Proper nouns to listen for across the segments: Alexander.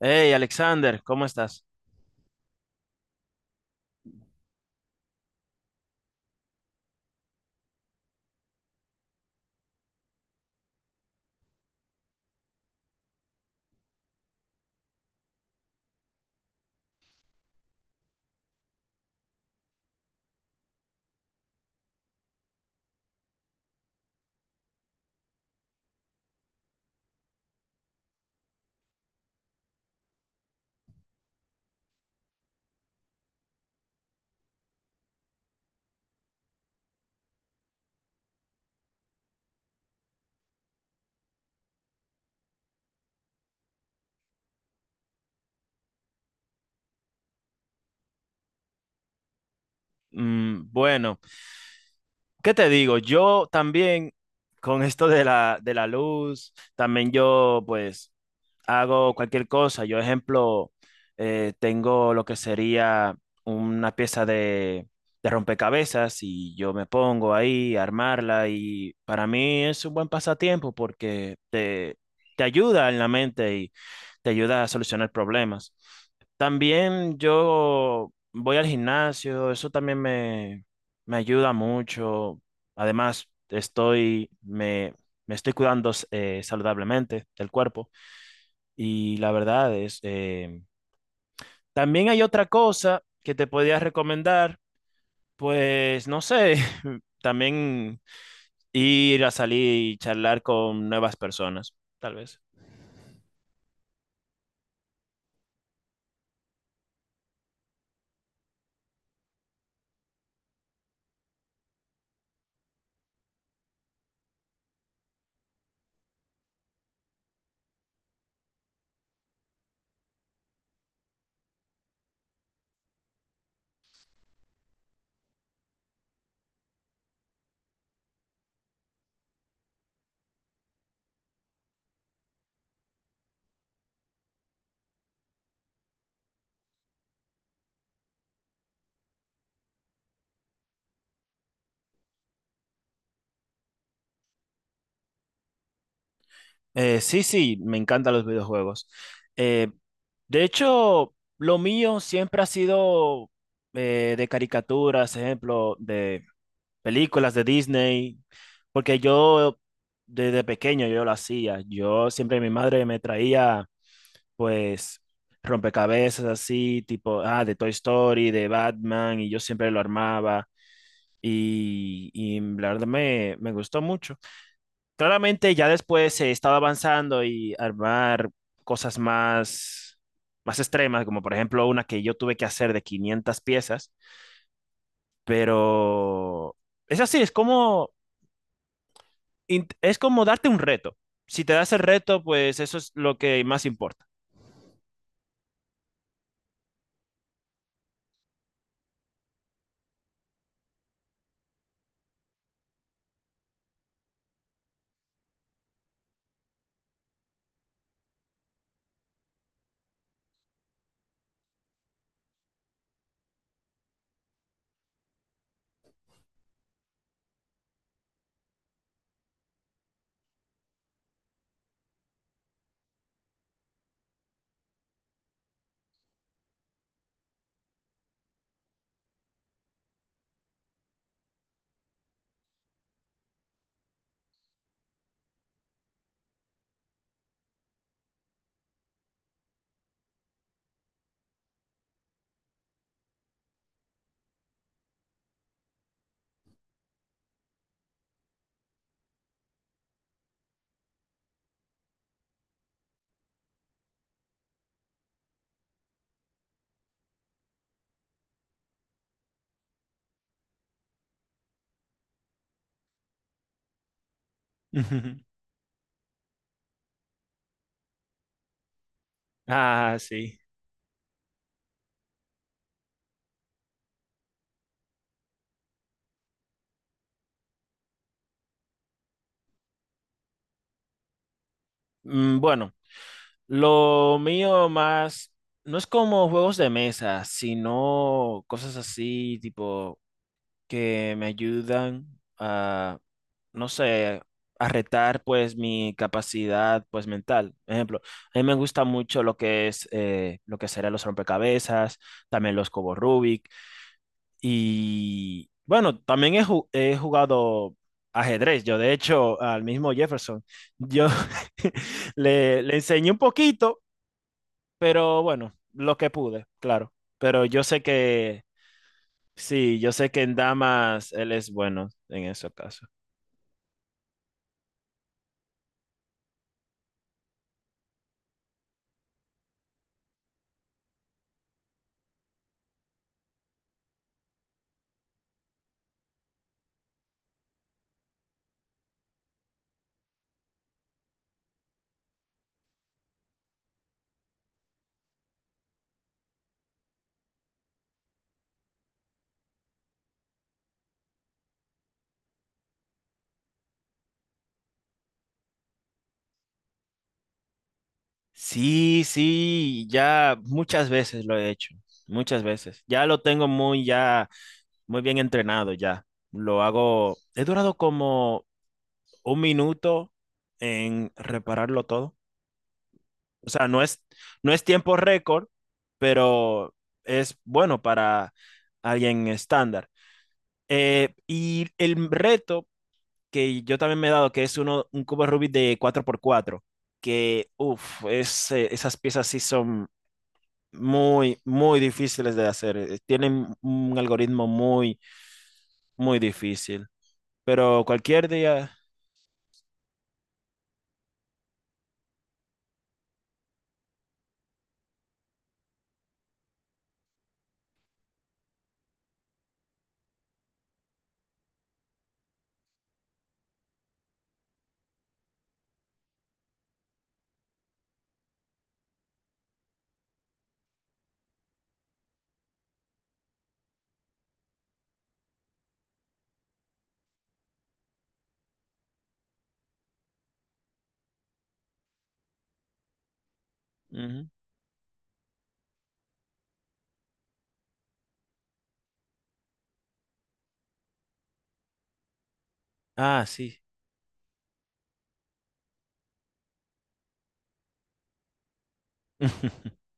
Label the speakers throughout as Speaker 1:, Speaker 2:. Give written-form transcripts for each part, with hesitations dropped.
Speaker 1: Hey, Alexander, ¿cómo estás? Bueno, ¿qué te digo? Yo también con esto de la luz, también yo pues hago cualquier cosa. Yo, ejemplo, tengo lo que sería una pieza de rompecabezas y yo me pongo ahí a armarla y para mí es un buen pasatiempo te ayuda en la mente y te ayuda a solucionar problemas. También yo voy al gimnasio, eso me ayuda mucho. Además, me estoy cuidando saludablemente del cuerpo. Y la verdad es, también hay otra cosa que te podía recomendar, pues no sé, también ir a salir y charlar con nuevas personas, tal vez. Sí, sí, me encantan los videojuegos. Eh, de hecho, lo mío siempre ha sido de caricaturas, ejemplo, de películas de Disney, porque yo desde pequeño yo lo hacía. Yo siempre mi madre me traía pues rompecabezas así, tipo, ah, de Toy Story, de Batman, y yo siempre lo armaba. Y me gustó mucho. Claramente ya después he estado avanzando y armar cosas más, más extremas, como por ejemplo una que yo tuve que hacer de 500 piezas, pero es así, es como darte un reto. Si te das el reto, pues eso es lo que más importa. Ah, sí. Bueno, lo mío más no es como juegos de mesa, sino cosas así tipo que me ayudan a, no sé, a retar pues mi capacidad pues mental. Ejemplo, a mí me gusta mucho lo que serán los rompecabezas, también los cubos Rubik y bueno, he jugado ajedrez. Yo de hecho al mismo Jefferson, yo le enseñé un poquito, pero bueno, lo que pude, claro. Pero yo sé que sí, yo sé que en damas él es bueno en ese caso. Sí, sí, ya muchas veces lo he hecho, muchas veces. Ya lo tengo muy, ya, Muy bien entrenado ya. Lo hago, he durado como 1 minuto en repararlo todo. O sea, no es tiempo récord, pero es bueno para alguien estándar. Y el reto que yo también me he dado, un cubo Rubik de 4 por 4 que, uff, esas piezas sí son muy, muy difíciles de hacer. Tienen un algoritmo muy difícil. Pero cualquier día... Ujú. Ah, sí.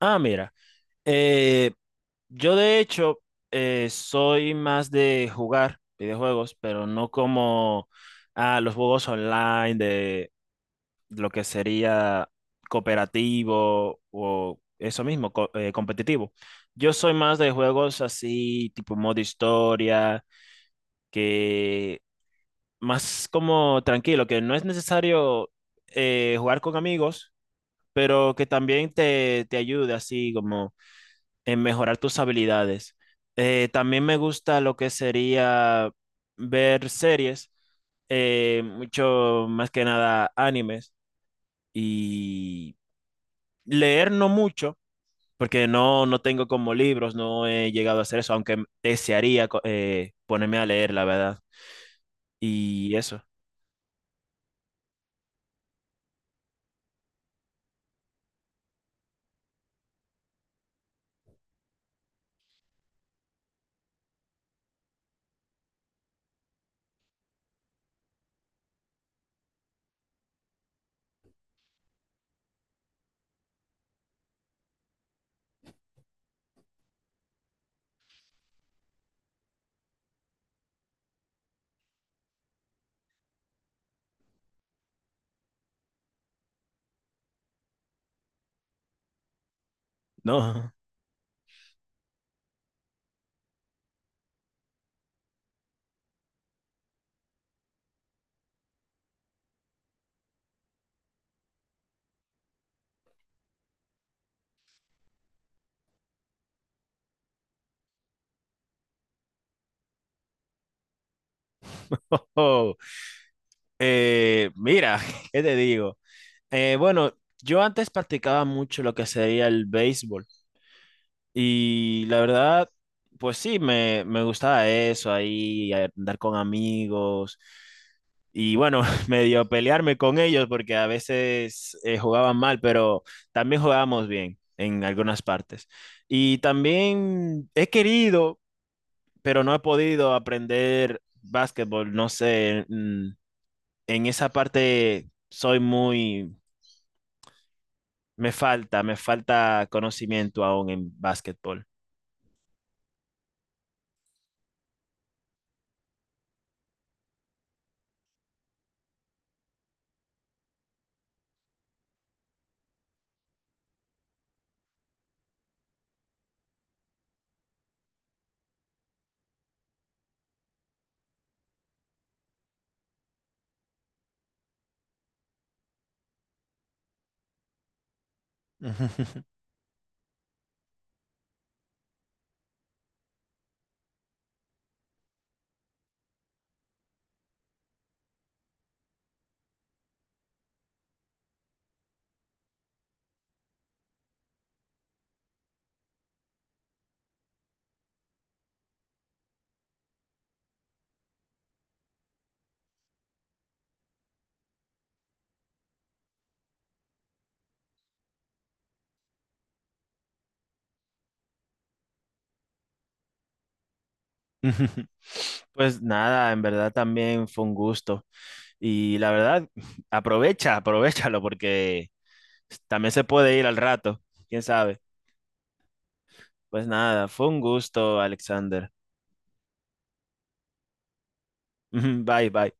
Speaker 1: Ah, mira. eh, yo de hecho soy más de jugar videojuegos, pero no como ah, los juegos online de lo que sería cooperativo o eso mismo, competitivo. Yo soy más de juegos así, tipo modo historia, que más como tranquilo, que no es necesario jugar con amigos, pero que también te ayude así como en mejorar tus habilidades. También me gusta lo que sería ver series, mucho más que nada animes. Y leer no mucho, porque no tengo como libros, no he llegado a hacer eso, aunque desearía ponerme a leer, la verdad. Y eso, no. Oh, mira, ¿qué te digo? Bueno, yo antes practicaba mucho lo que sería el béisbol. Y la verdad, pues sí, me gustaba eso, ahí andar con amigos y bueno, medio pelearme con ellos porque a veces jugaban mal, pero también jugábamos bien en algunas partes. Y también he querido, pero no he podido aprender básquetbol, no sé, mm, en esa parte soy muy, me falta conocimiento aún en básquetbol. Pues nada, en verdad también fue un gusto. Y la verdad, aprovecha, aprovechalo porque también se puede ir al rato, quién sabe. Pues nada, fue un gusto, Alexander. Bye, bye.